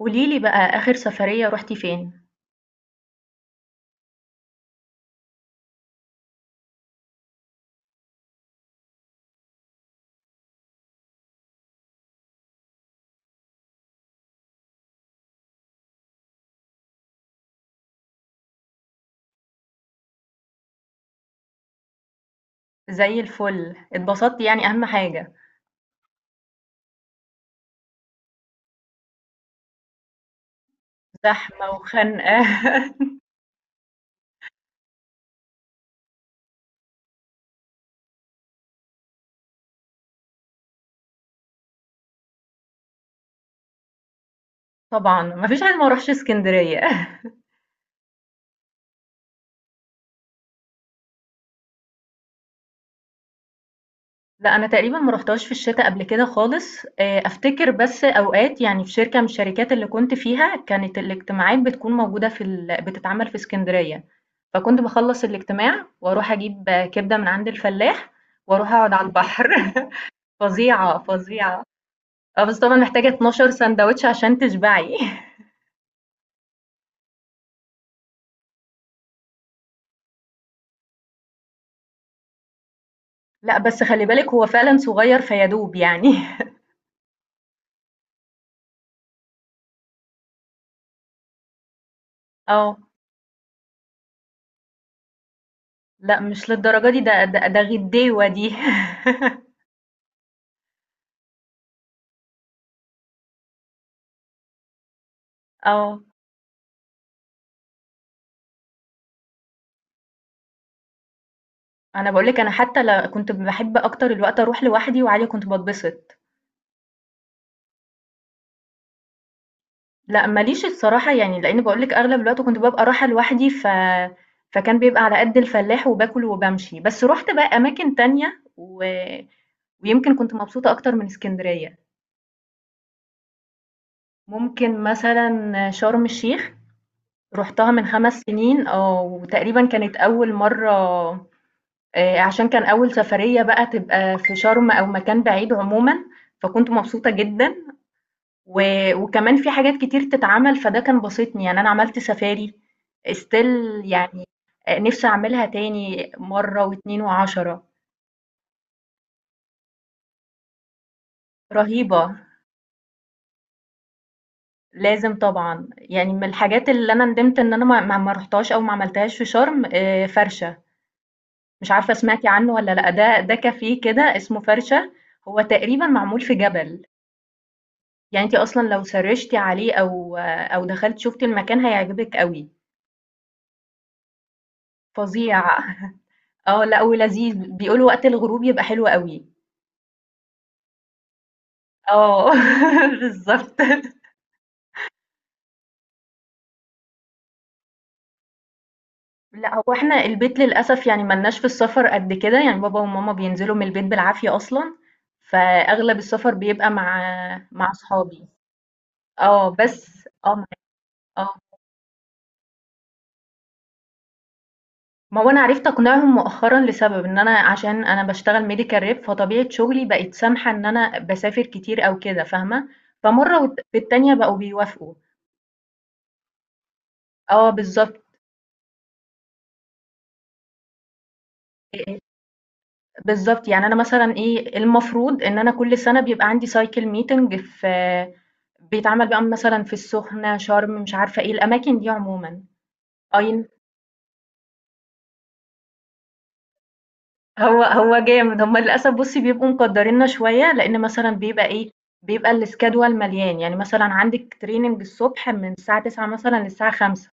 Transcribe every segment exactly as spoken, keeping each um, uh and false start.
قوليلي بقى آخر سفرية رُحتِ فين؟ زي الفل، اتبسطتِ يعني أهم حاجة. زحمة وخنقة. طبعًا، ما فيش حد ما راحش إسكندرية. لأ، أنا تقريبًا ما رُحتهاش في الشتا قبل كده خالص، آآ أفتكر بس أوقات يعني في شركة من الشركات اللي كنت فيها، كانت الاجتماعات بتكون موجودة في ال بتتعمل في إسكندرية، فكنت باخلّص الاجتماع وأروح أجيب كبدة من عند الفلاح وأروح أقعد على البحر. فظيعة، فظيعة. آه، بس طبعًا محتاجة اتناشر ساندوتش عشان تشبعي. لأ، بس خلّي بالِك هو فعلًا صغير فيادوب يعني. آه، لأ مش للدرجة دي، ده ده ده غديوة دي. آه، أنا باقول لِك، أنا حتى ل كنت باحب أكتر الوقت أروح لوحدي وعادي كنت باتبسط. لأ، ما ليش الصراحة، يعني لإن باقول لِك أغلب الوقت كنت بابقى رايحة لوحدي، ف فكان بيبقى على قد الفلاح وباكل وبامشي، بس رُحت بقى أماكن تانية و ويمكن كنت مبسوطة أكتر من إسكندرية. ممكن مثلًا شرم الشيخ، رُحتها من خمس سنين آه، وتقريبًا كانت أول مرّة، آآ عشان كان أول سفرية بقى تبقى في شرم أو مكان بعيد عمومًا، فكنت مبسوطة جدًا و وكمان في حاجات كتير تتعمل، فده كان باسطني. يعني أنا عملت سفاري still يعني، آآ نِفْسي أعملها تاني مرّة واتنين وعشرة. رهيبة، لازم طبعًا، يعني من الحاجات اللي أنا ندمت إن أنا ما ما ما رُحتهاش أو ما عملتهاش في شرم، آآ فرشة. مش عارفة سمعتي عنه والّا لأ، ده ده كافيه كده اسمه فرشة، هو تقريبًا معمول في جبل، يعني أنتِ أصلًا لو سرِّشتِ عليه أو أو دخلتِ شُفتِ المكان هيعجبِك أوي، فظيع. آه، لأ ولذيذ، بيقولوا وقت الغروب يبقى حلو أوي. آه. بالضبط. لأ، هو إحنا البيت للأسف، يعني ما لناش في السفر قد كده، يعني بابا وماما بينزلوا من البيت بالعافية أصلًا، فأغلب السفر بيبقى مع مع صحابي. آه، بس آه، مع- آه. ما هو أنا عرفت أقنعهم مؤخرًا لسبب، إن أنا عشان أنا باشتغل medical rep، فطبيعة شغلي بقت سامحة إن أنا باسافر كتير أو كده، فاهمة؟ فمرّة والت في التانية بقوا بيوافقوا. آه، بالضبط. آآ بالضبط، يعني أنا مثلًا إيه، المفروض إن أنا كل سنة بيبقى عندي cycle meeting، في بيتعمل بقى مثلًا في السخنة، شرم، مش عارفة إيه، الأماكن دي عمومًا. أي، هو هو جامد. هُم للأسف بُصّي بيبقوا مقدّريننا شوية، لإن مثلًا بيبقى إيه، بيبقى الschedule مليان، يعني مثلًا عندِك training الصبح من الساعة تسعة مثلًا للساعة خمسة،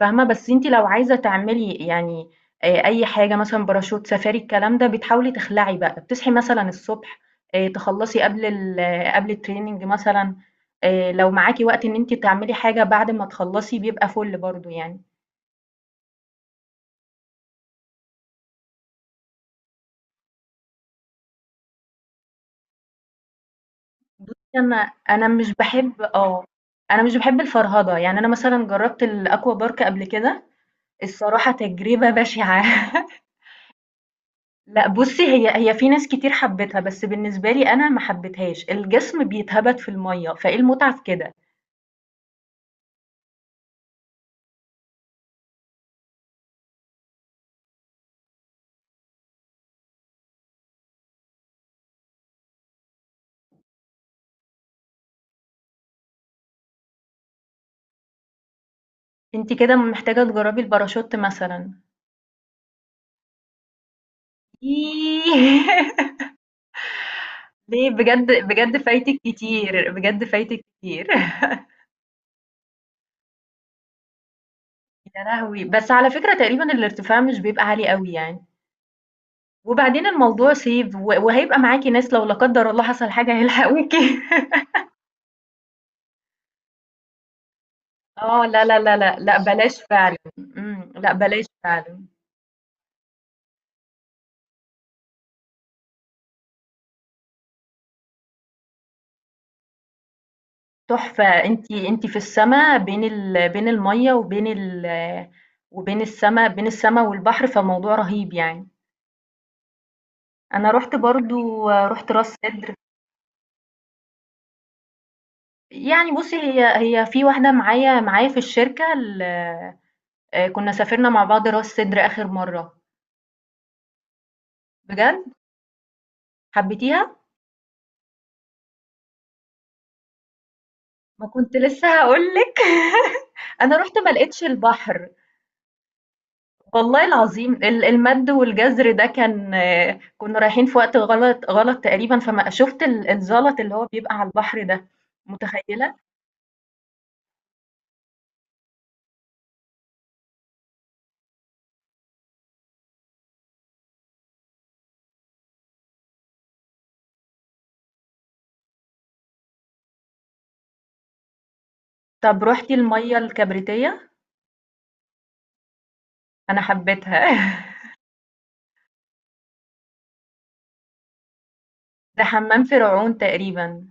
فاهمة؟ بس أنتِ لو عايزة تعملي يعني آآ أي حاجة مثلًا باراشوت، سفاري، الكلام ده، بتحاولي تخلعي بقى، بتصحي مثلًا الصبح، آآ تخلّصي قبل ال آه، قبل الtraining مثلًا، آآ لو معاكِ وقت إن أنتِ تعملي حاجة بعد ما تخلّصي بيبقى فُل برضه يعني. أنا أنا مش باحب آه، أنا مش باحب الفرهدة، يعني أنا مثلًا جرّبت الaqua park قبل كده، الصراحة تجربة بشعة. لأ بُصّي، هي هي في ناس كتير حبِّتها، بس بالنسبة لي أنا ما حبيتهاش، الجسم بيتهبَد في المَيّة، فإيه المتعة في كده؟ أنتِ كده محتاجة تجرّبي الباراشوت مثلًا. إيه! ليه؟ بجد بجد فايتِك كتير، بجد فايتِك كتير. يا لهوي! بس على فكرة تقريبًا الارتفاع مش بيبقى عالي أوي يعني، وبعدين الموضوع سيف و وهيبقى معاكِ ناس، لو لا قدّر الله حصل حاجة هيلحقوكِ. آه، لا، لا، لا، لا، لأ بلاش فعلًا، إمم، لأ بلاش فعلًا. تحفة، أنتِ أنتِ في السما، بين ال بين المَيّة وبين ال وبين السما، بين السما والبحر، فالموضوع رهيب يعني. أنا رُحت برضه، رُحت راس سدر. يعني بُصّي، هي هي في واحدة معايا معايا في الشركة، ال آآ، كنا سافرنا مع بعض راس سدر آخر مرّة. بجد؟ حبيتيها؟ ما كنت لسه هقولك. انا رحت ما لقيتش البحر، والله العظيم، ال- المد والجزر ده كان، آه، كنا رايحين في وقت غلط غلط تقريبا، فما شفت ال- الزلط اللي هو بيبقى على البحر ده، متخيلة؟ طب روحتي المية الكبريتية؟ انا حبيتها. ده حمام فرعون تقريبا.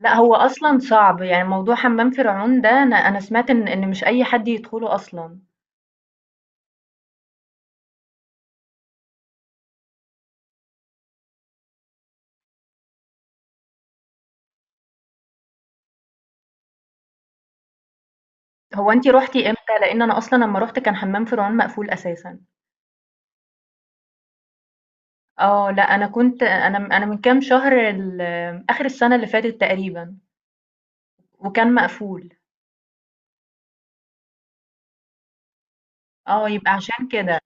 لا، هو اصلا صعب، يعني موضوع حمام فرعون ده، انا انا سمعت ان ان مش اي حد يدخله اصلا. هو انتي روحتي امتى؟ لان انا اصلا لما روحت كان حمام فرعون مقفول اساسا. اه، لا، انا كنت انا انا من كام شهر، ال- اخر السنه اللي فاتت تقريبا، وكان مقفول. اه، يبقى عشان كده.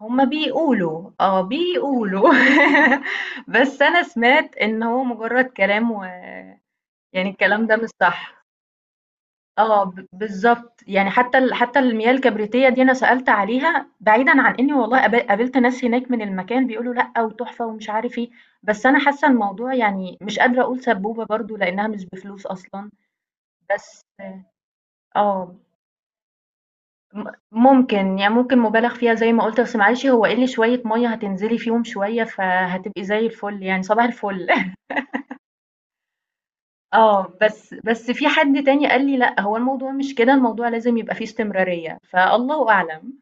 هما بيقولوا، اه بيقولوا. بس انا سمعت ان هو مجرد كلام، و يعني الكلام ده مش صح. اه، ب- بالظبط، يعني حتى ال... حتى المياه الكبريتيه دي، انا سالت عليها، بعيدا عن اني والله قابل- قابلت ناس هناك من المكان بيقولوا لا وتحفه ومش عارف ايه، بس انا حاسه الموضوع يعني مش قادره اقول سبوبه برضو لانها مش بفلوس اصلا. بس اه، م- ممكن، يعني ممكن مبالغ فيها زي ما قلت، بس معلش، هو قل شوية مية هتنزلي فيهم شوية، فهتبقي زي الفل يعني، صباح الفل. اه، بس بس في حد تاني قال لي لا، هو الموضوع مش كده، الموضوع لازم يبقى فيه استمرارية، فالله أعلم.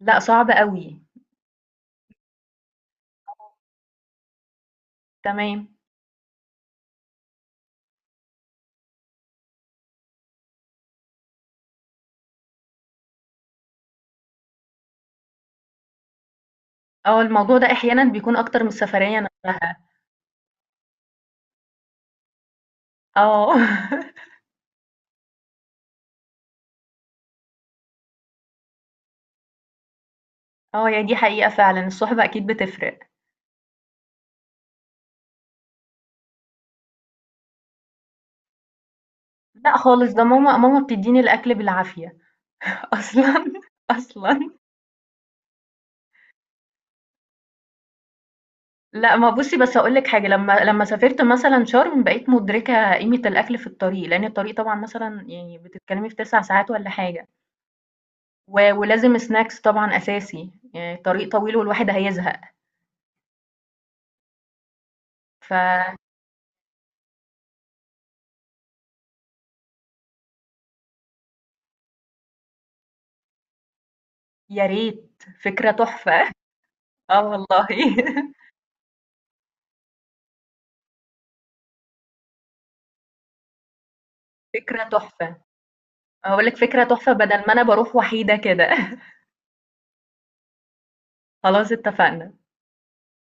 لا، صعب قوي. تمام. اه، الموضوع ده احيانا بيكون اكتر من السفرية نفسها. اه. اه يعني، دي حقيقة فعلا، الصحبة اكيد بتفرق. لا خالص، ده ماما ماما بتديني الاكل بالعافية. اصلا. اصلا. لأ، ما بُصّي، بس هاقول لِك حاجة، لمّا لمّا سافرت مثلًا شرم، بقيت مُدركة قيمة الأكل في الطريق، لأن الطريق طبعًا مثلًا يعني بتتكلمي في تسعة ساعات والّا حاجة، و ولازم snacks طبعًا أساسي، يعني الطريق طويل والواحد هيزهق، فيا ريت، فكرة تحفة. آه والله. فكرة تحفة، هاقول لِك فكرة تحفة بدل ما أنا باروح وحيدة كده. خلاص، اتفقنا.